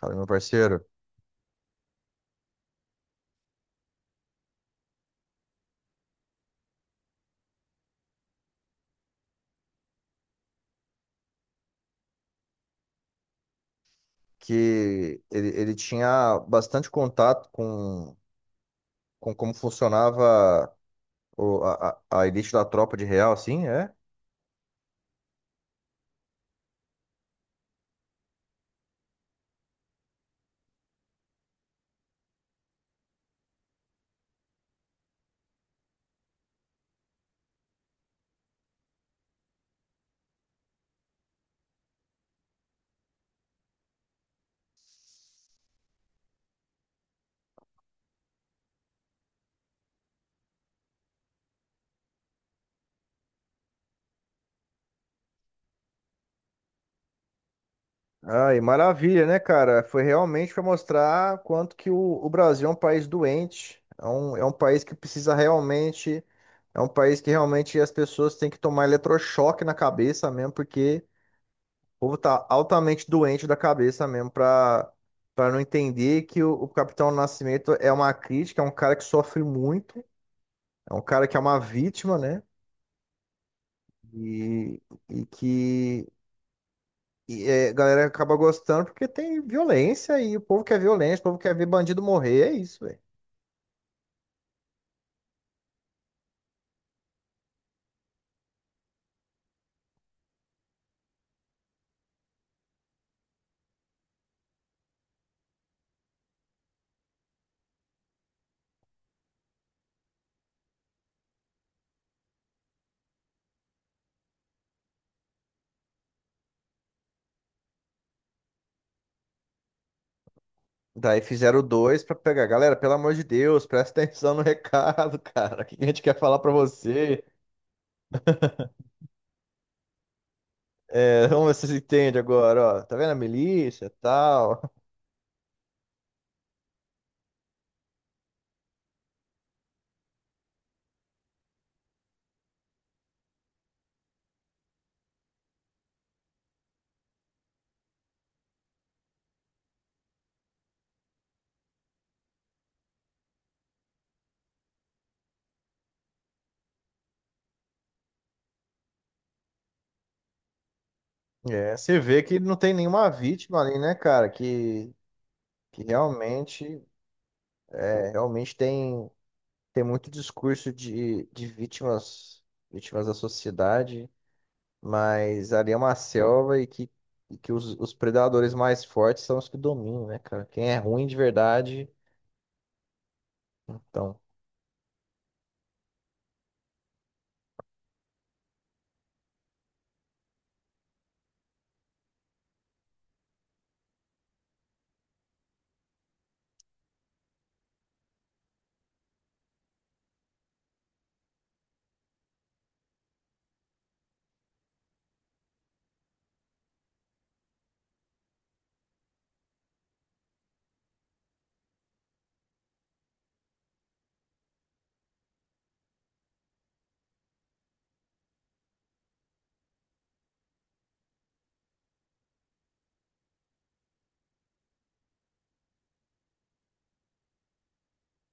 Fala, meu parceiro. Que ele tinha bastante contato com como funcionava a elite da tropa de real, assim, é? Ai, maravilha, né, cara? Foi realmente para mostrar quanto que o Brasil é um país doente, é um país que precisa realmente, é um país que realmente as pessoas têm que tomar eletrochoque na cabeça mesmo, porque o povo tá altamente doente da cabeça mesmo pra não entender que o Capitão Nascimento é uma crítica, é um cara que sofre muito, é um cara que é uma vítima, né? E, e que e a galera acaba gostando porque tem violência e o povo quer violência, o povo quer ver bandido morrer, é isso, velho. Daí fizeram o dois pra pegar. Galera, pelo amor de Deus, presta atenção no recado, cara. O que a gente quer falar pra você? É, vamos ver se vocês entendem agora, ó. Tá vendo a milícia, e tal? É, você vê que não tem nenhuma vítima ali, né, cara? Que realmente tem, muito discurso de vítimas da sociedade, mas ali é uma selva e que os predadores mais fortes são os que dominam, né, cara? Quem é ruim de verdade, então,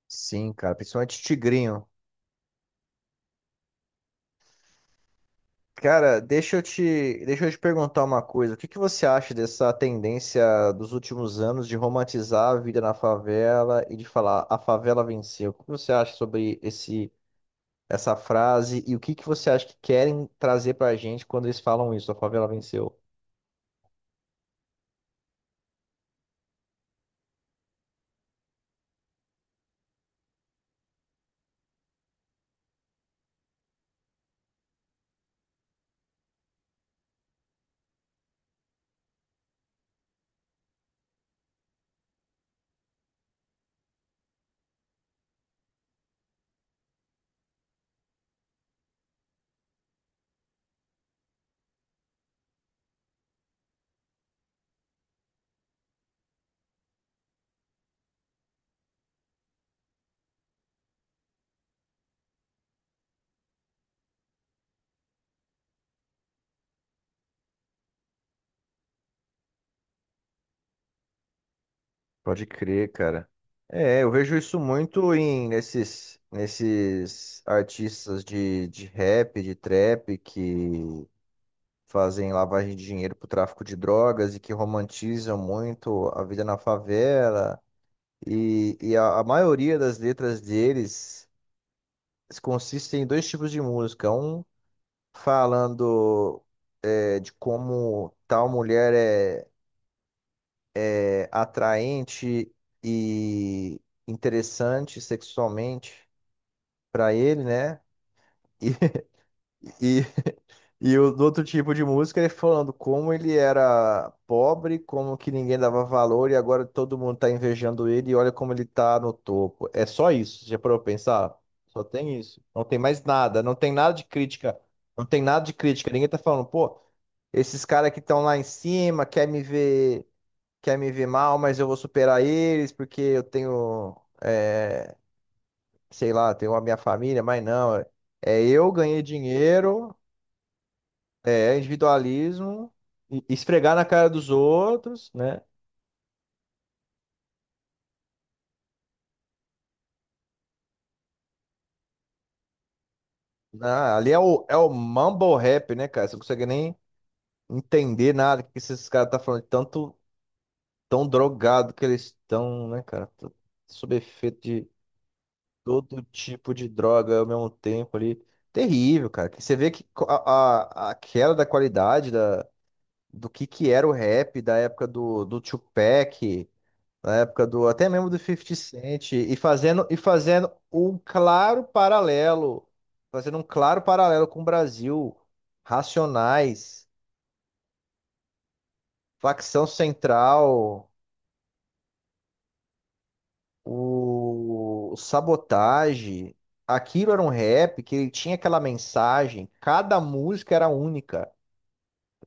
sim, cara, principalmente tigrinho. Cara, deixa eu te perguntar uma coisa. O que que você acha dessa tendência dos últimos anos de romantizar a vida na favela e de falar a favela venceu? O que você acha sobre essa frase e o que que você acha que querem trazer pra gente quando eles falam isso, a favela venceu? Pode crer, cara. É, eu vejo isso muito nesses artistas de rap, de trap que fazem lavagem de dinheiro para o tráfico de drogas e que romantizam muito a vida na favela. E a maioria das letras deles consistem em dois tipos de música. Um falando, de como tal mulher é atraente e interessante sexualmente para ele, né? E, E o do outro tipo de música, ele falando como ele era pobre, como que ninguém dava valor e agora todo mundo tá invejando ele e olha como ele tá no topo. É só isso, já parou pra pensar? Só tem isso. Não tem mais nada, não tem nada de crítica. Não tem nada de crítica. Ninguém tá falando, pô, esses caras que estão lá em cima quer me ver mal, mas eu vou superar eles porque eu tenho, é, sei lá, tenho a minha família, mas não. É, eu ganhei dinheiro. É, individualismo, esfregar na cara dos outros, né? Ah, ali é o mumble rap, né, cara? Você não consegue nem entender nada que esses caras estão falando, de tanto tão drogado que eles estão, né, cara? Tô sob efeito de todo tipo de droga ao mesmo tempo ali. Terrível, cara. Que você vê que a queda da qualidade do que era o rap da época do Tupac. Na época do até mesmo do 50 Cent e fazendo fazendo um claro paralelo com o Brasil, Racionais, Facção Central, o Sabotage, aquilo era um rap que ele tinha aquela mensagem, cada música era única.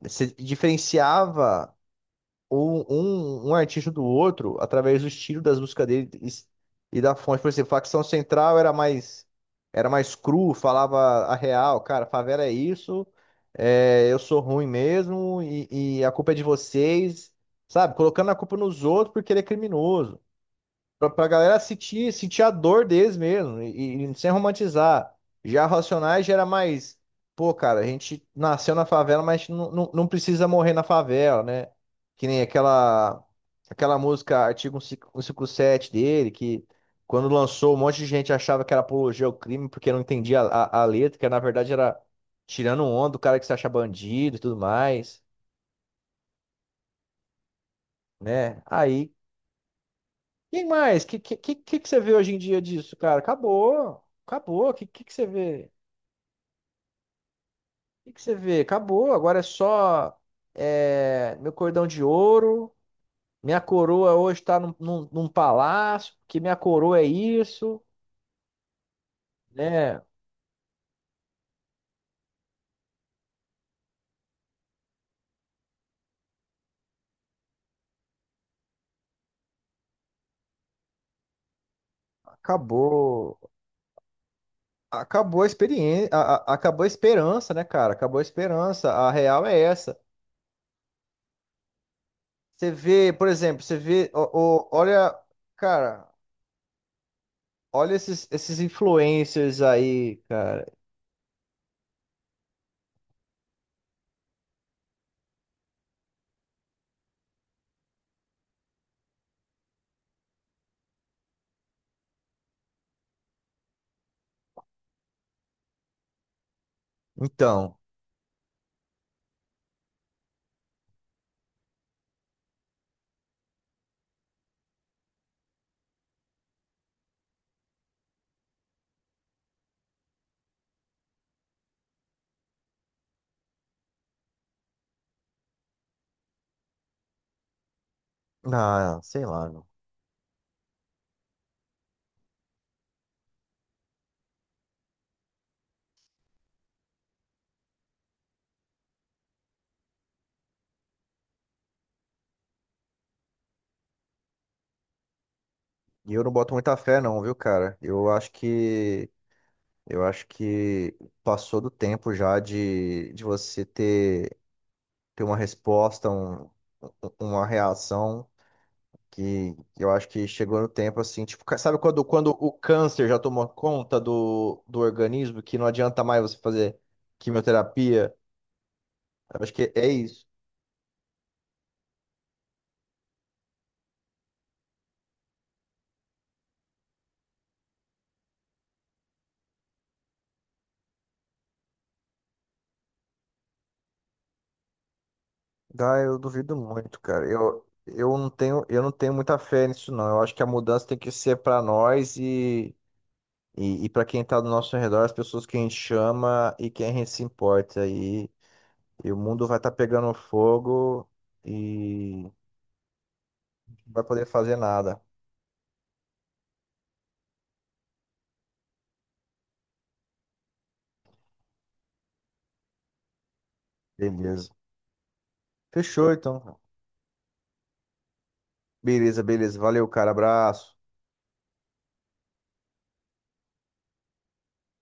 Você diferenciava um artista do outro através do estilo das músicas dele e da fonte. Por exemplo, Facção Central era mais cru, falava a real, cara, favela é isso, eu sou ruim mesmo e a culpa é de vocês, sabe? Colocando a culpa nos outros porque ele é criminoso. Pra galera sentir a dor deles mesmo, e sem romantizar. Já Racionais já era mais, pô, cara, a gente nasceu na favela, mas a gente não, não, não precisa morrer na favela, né? Que nem aquela música Artigo 157 dele, que quando lançou, um monte de gente achava que era apologia ao crime, porque não entendia a letra, que na verdade era tirando onda do cara que se acha bandido e tudo mais, né? Aí, quem mais? O que que você vê hoje em dia disso, cara? Acabou. Acabou. O que que você vê? O que você vê? Acabou. Agora é só meu cordão de ouro. Minha coroa hoje está num palácio, que minha coroa é isso, né? Acabou, acabou a experiência, acabou a esperança, né, cara? Acabou a esperança. A real é essa. Você vê, por exemplo, você vê, ó, olha, cara, olha esses influencers aí, cara. Então. Ah, sei lá, não. E eu não boto muita fé não, viu, cara? Eu acho que passou do tempo já de você ter uma resposta, um, uma reação que eu acho que chegou no tempo assim, tipo, sabe quando o câncer já tomou conta do organismo que não adianta mais você fazer quimioterapia? Eu acho que é isso. Ah, eu duvido muito, cara. Eu não tenho muita fé nisso, não. Eu acho que a mudança tem que ser para nós e para quem tá do nosso redor, as pessoas que a gente chama e quem a gente se importa. E o mundo vai estar pegando fogo e não vai poder fazer nada. Beleza. Fechou, então. Beleza, beleza. Valeu, cara. Abraço.